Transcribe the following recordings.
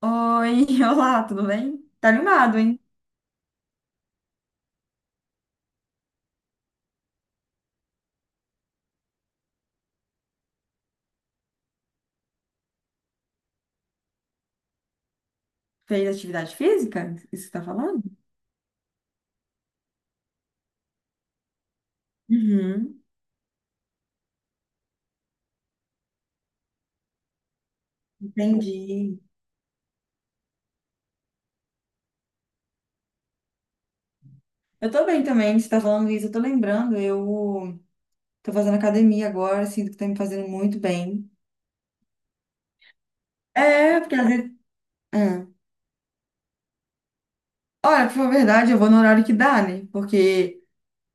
Oi, olá, tudo bem? Tá animado, hein? Fez atividade física? Isso que você tá falando? Uhum, entendi. Eu tô bem também, você tá falando isso, eu tô lembrando, eu tô fazendo academia agora, sinto que tá me fazendo muito bem. É, porque às vezes... Ah. Olha, pra falar a verdade, eu vou no horário que dá, né? Porque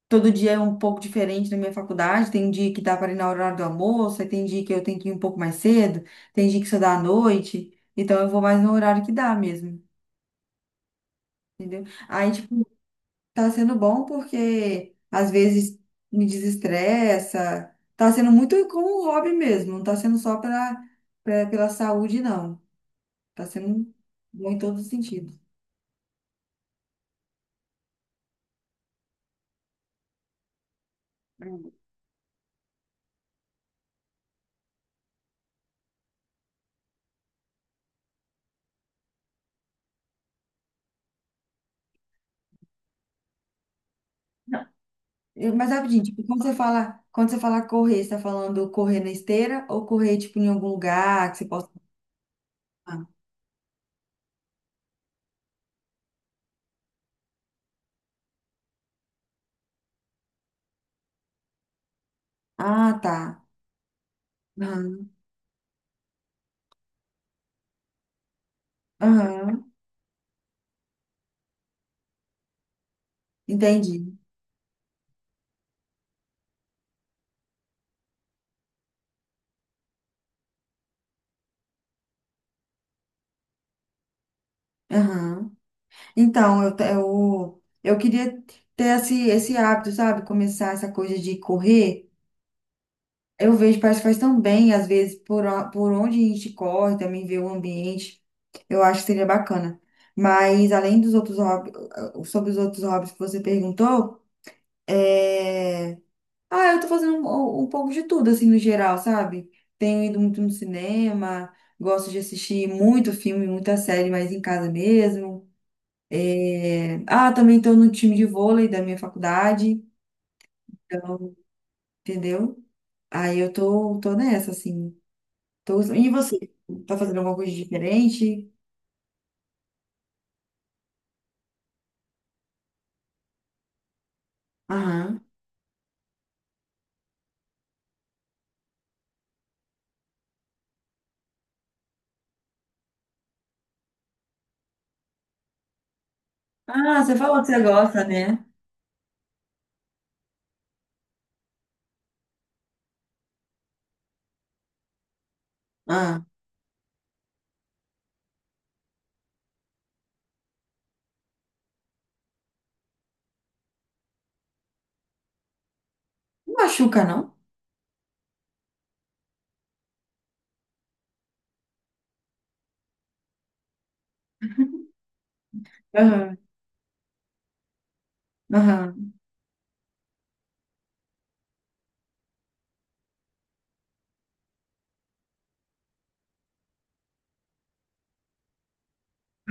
todo dia é um pouco diferente na minha faculdade, tem dia que dá para ir no horário do almoço, aí tem dia que eu tenho que ir um pouco mais cedo, tem dia que só dá à noite, então eu vou mais no horário que dá mesmo, entendeu? Aí, tipo, tá sendo bom porque às vezes me desestressa. Tá sendo muito como um hobby mesmo, não tá sendo só pra, pela saúde, não. Tá sendo bom em todos os sentidos. Mas rapidinho, tipo, quando você fala correr, você tá falando correr na esteira ou correr, tipo, em algum lugar que você possa. Ah, tá. Aham. Aham. Entendi. Aham. Então, eu queria ter esse hábito, sabe? Começar essa coisa de correr. Eu vejo, parece que faz tão bem, às vezes, por onde a gente corre, também ver o ambiente. Eu acho que seria bacana. Mas, além dos outros hobbies, sobre os outros hobbies que você perguntou, é... ah, eu tô fazendo um pouco de tudo, assim, no geral, sabe? Tenho ido muito no cinema, gosto de assistir muito filme, muita série, mas em casa mesmo. Ah, também tô no time de vôlei da minha faculdade, então, entendeu? Aí eu tô, tô nessa, assim. E você? Tá fazendo alguma coisa diferente? Aham. Ah, você falou que você gosta, né? Ah, não machuca, não? Aham, aham,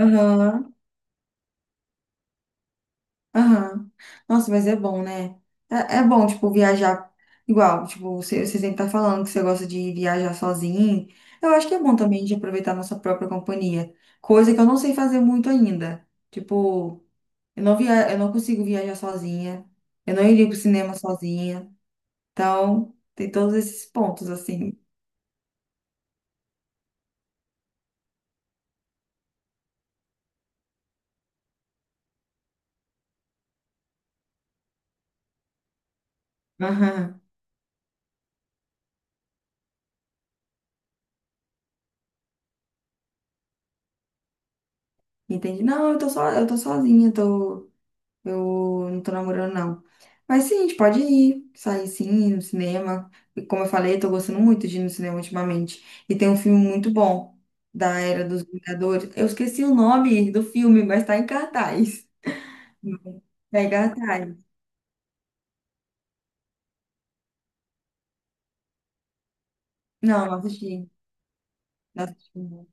aham, aham. Nossa, mas é bom, né? É, é bom, tipo, viajar igual. Tipo, você sempre tá falando que você gosta de viajar sozinho. Eu acho que é bom também de aproveitar a nossa própria companhia. Coisa que eu não sei fazer muito ainda. Tipo, eu não via, eu não consigo viajar sozinha. Eu não iria pro cinema sozinha. Então, tem todos esses pontos, assim. Aham. Entende? Não, eu tô só, eu tô sozinha, tô, eu não tô namorando, não. Mas sim, a gente pode ir, sair sim, no cinema. E como eu falei, eu tô gostando muito de ir no cinema ultimamente. E tem um filme muito bom da Era dos Vingadores. Eu esqueci o nome do filme, mas tá em cartaz. Tá em cartaz. Não, não assisti. Não assisti.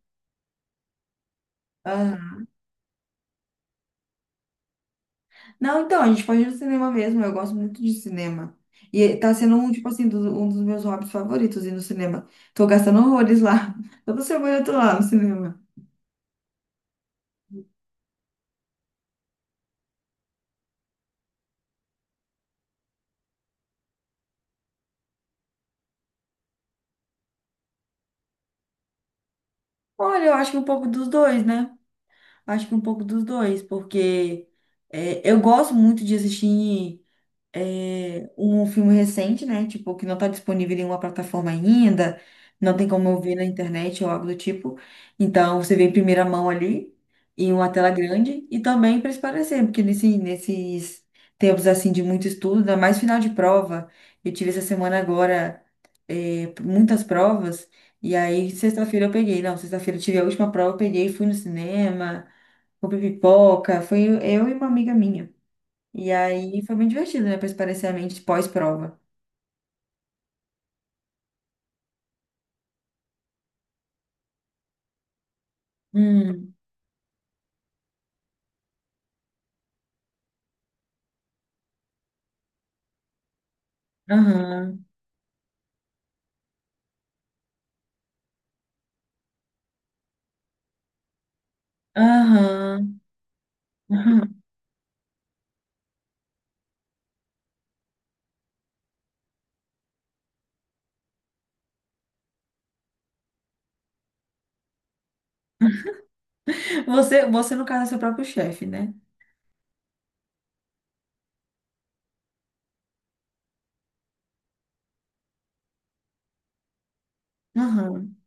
Não. Não, então, a gente pode ir no cinema mesmo. Eu gosto muito de cinema. E tá sendo um dos meus hobbies favoritos ir no cinema. Tô gastando horrores lá. Toda semana eu tô lá no cinema. Olha, eu acho que um pouco dos dois, né? Acho que um pouco dos dois, porque é, eu gosto muito de assistir. É, um filme recente, né? Tipo, que não tá disponível em nenhuma plataforma ainda, não tem como eu ver na internet ou algo do tipo. Então, você vê em primeira mão ali, em uma tela grande, e também para esparecer, porque nesses tempos, assim, de muito estudo, ainda mais final de prova, eu tive essa semana agora é, muitas provas, e aí sexta-feira eu peguei, não, sexta-feira eu tive a última prova, eu peguei, fui no cinema, comprei pipoca, foi eu e uma amiga minha. E aí foi muito divertido, né? Pra espairecer a mente pós-prova. Hum, aham, aham, aham. Você, no caso, é seu próprio chefe, né? Aham.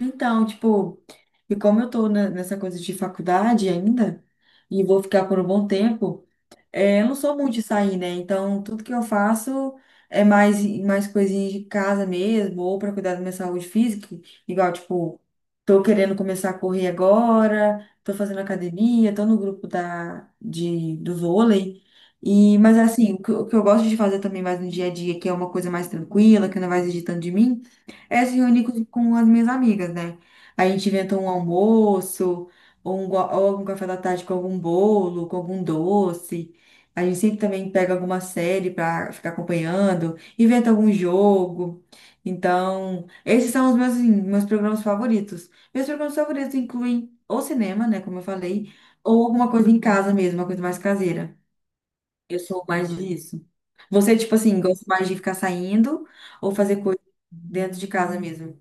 Então, tipo, e como eu tô nessa coisa de faculdade ainda, e vou ficar por um bom tempo. É, eu não sou muito de sair, né? Então, tudo que eu faço é mais, mais coisinhas de casa mesmo, ou para cuidar da minha saúde física. Igual, tipo, tô querendo começar a correr agora, tô fazendo academia, tô no grupo do vôlei. E, mas, assim, o que eu gosto de fazer também mais no dia a dia, que é uma coisa mais tranquila, que não vai exigir tanto de mim, é se reunir com as minhas amigas, né? A gente inventa um almoço, ou, ou algum café da tarde com algum bolo, com algum doce. A gente sempre também pega alguma série para ficar acompanhando, inventa algum jogo. Então, esses são os meus, assim, meus programas favoritos. Meus programas favoritos incluem ou cinema, né, como eu falei, ou alguma coisa em casa mesmo, uma coisa mais caseira. Eu sou mais disso. Você, tipo assim, gosta mais de ficar saindo ou fazer coisa dentro de casa mesmo?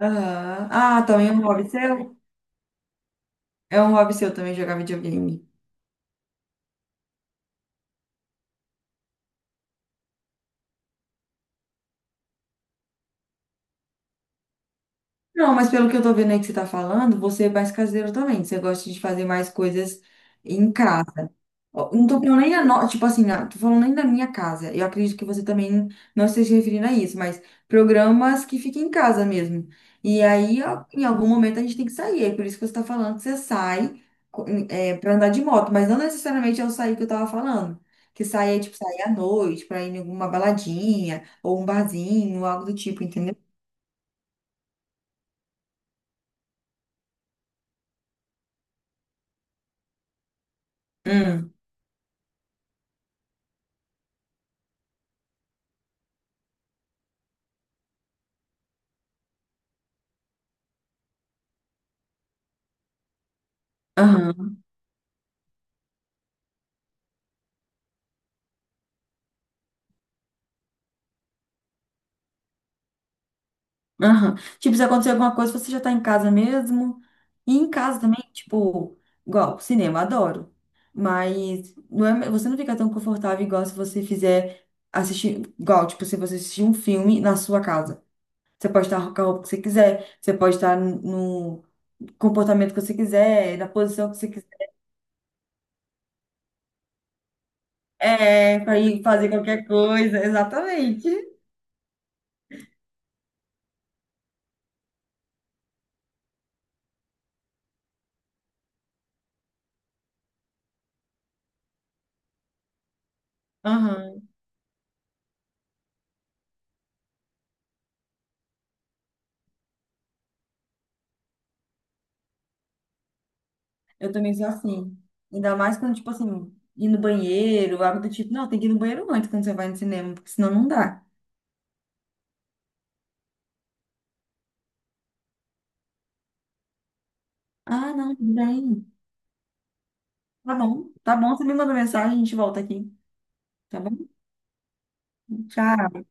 Aham. Ah, também é um hobby seu? É um hobby seu também jogar videogame. Não, mas pelo que eu tô vendo aí que você tá falando, você é mais caseiro também. Você gosta de fazer mais coisas em casa. Ó, não tô falando nem a no... tipo assim, ah, tô falando nem da minha casa. Eu acredito que você também não esteja se referindo a isso, mas programas que fiquem em casa mesmo. E aí, ó, em algum momento, a gente tem que sair. É por isso que você tá falando que você sai é, pra andar de moto, mas não necessariamente é o sair que eu tava falando. Que sair é tipo sair à noite, pra ir em alguma baladinha, ou um barzinho, algo do tipo, entendeu? Hum. Aham. Tipo, se acontecer alguma coisa, você já tá em casa mesmo. E em casa também, tipo, igual, cinema, adoro. Mas não é, você não fica tão confortável igual se você fizer assistir, igual, tipo, se você assistir um filme na sua casa. Você pode estar com a roupa que você quiser, você pode estar no comportamento que você quiser, na posição que você quiser. É, pra ir fazer qualquer coisa, exatamente. Eu também sou assim. Ainda mais quando, tipo assim, ir no banheiro, algo do tipo. Não, tem que ir no banheiro antes quando você vai no cinema, porque senão não dá. Ah, não, tudo bem. Tá bom, você me manda mensagem, a gente volta aqui. Tá bom? Tchau.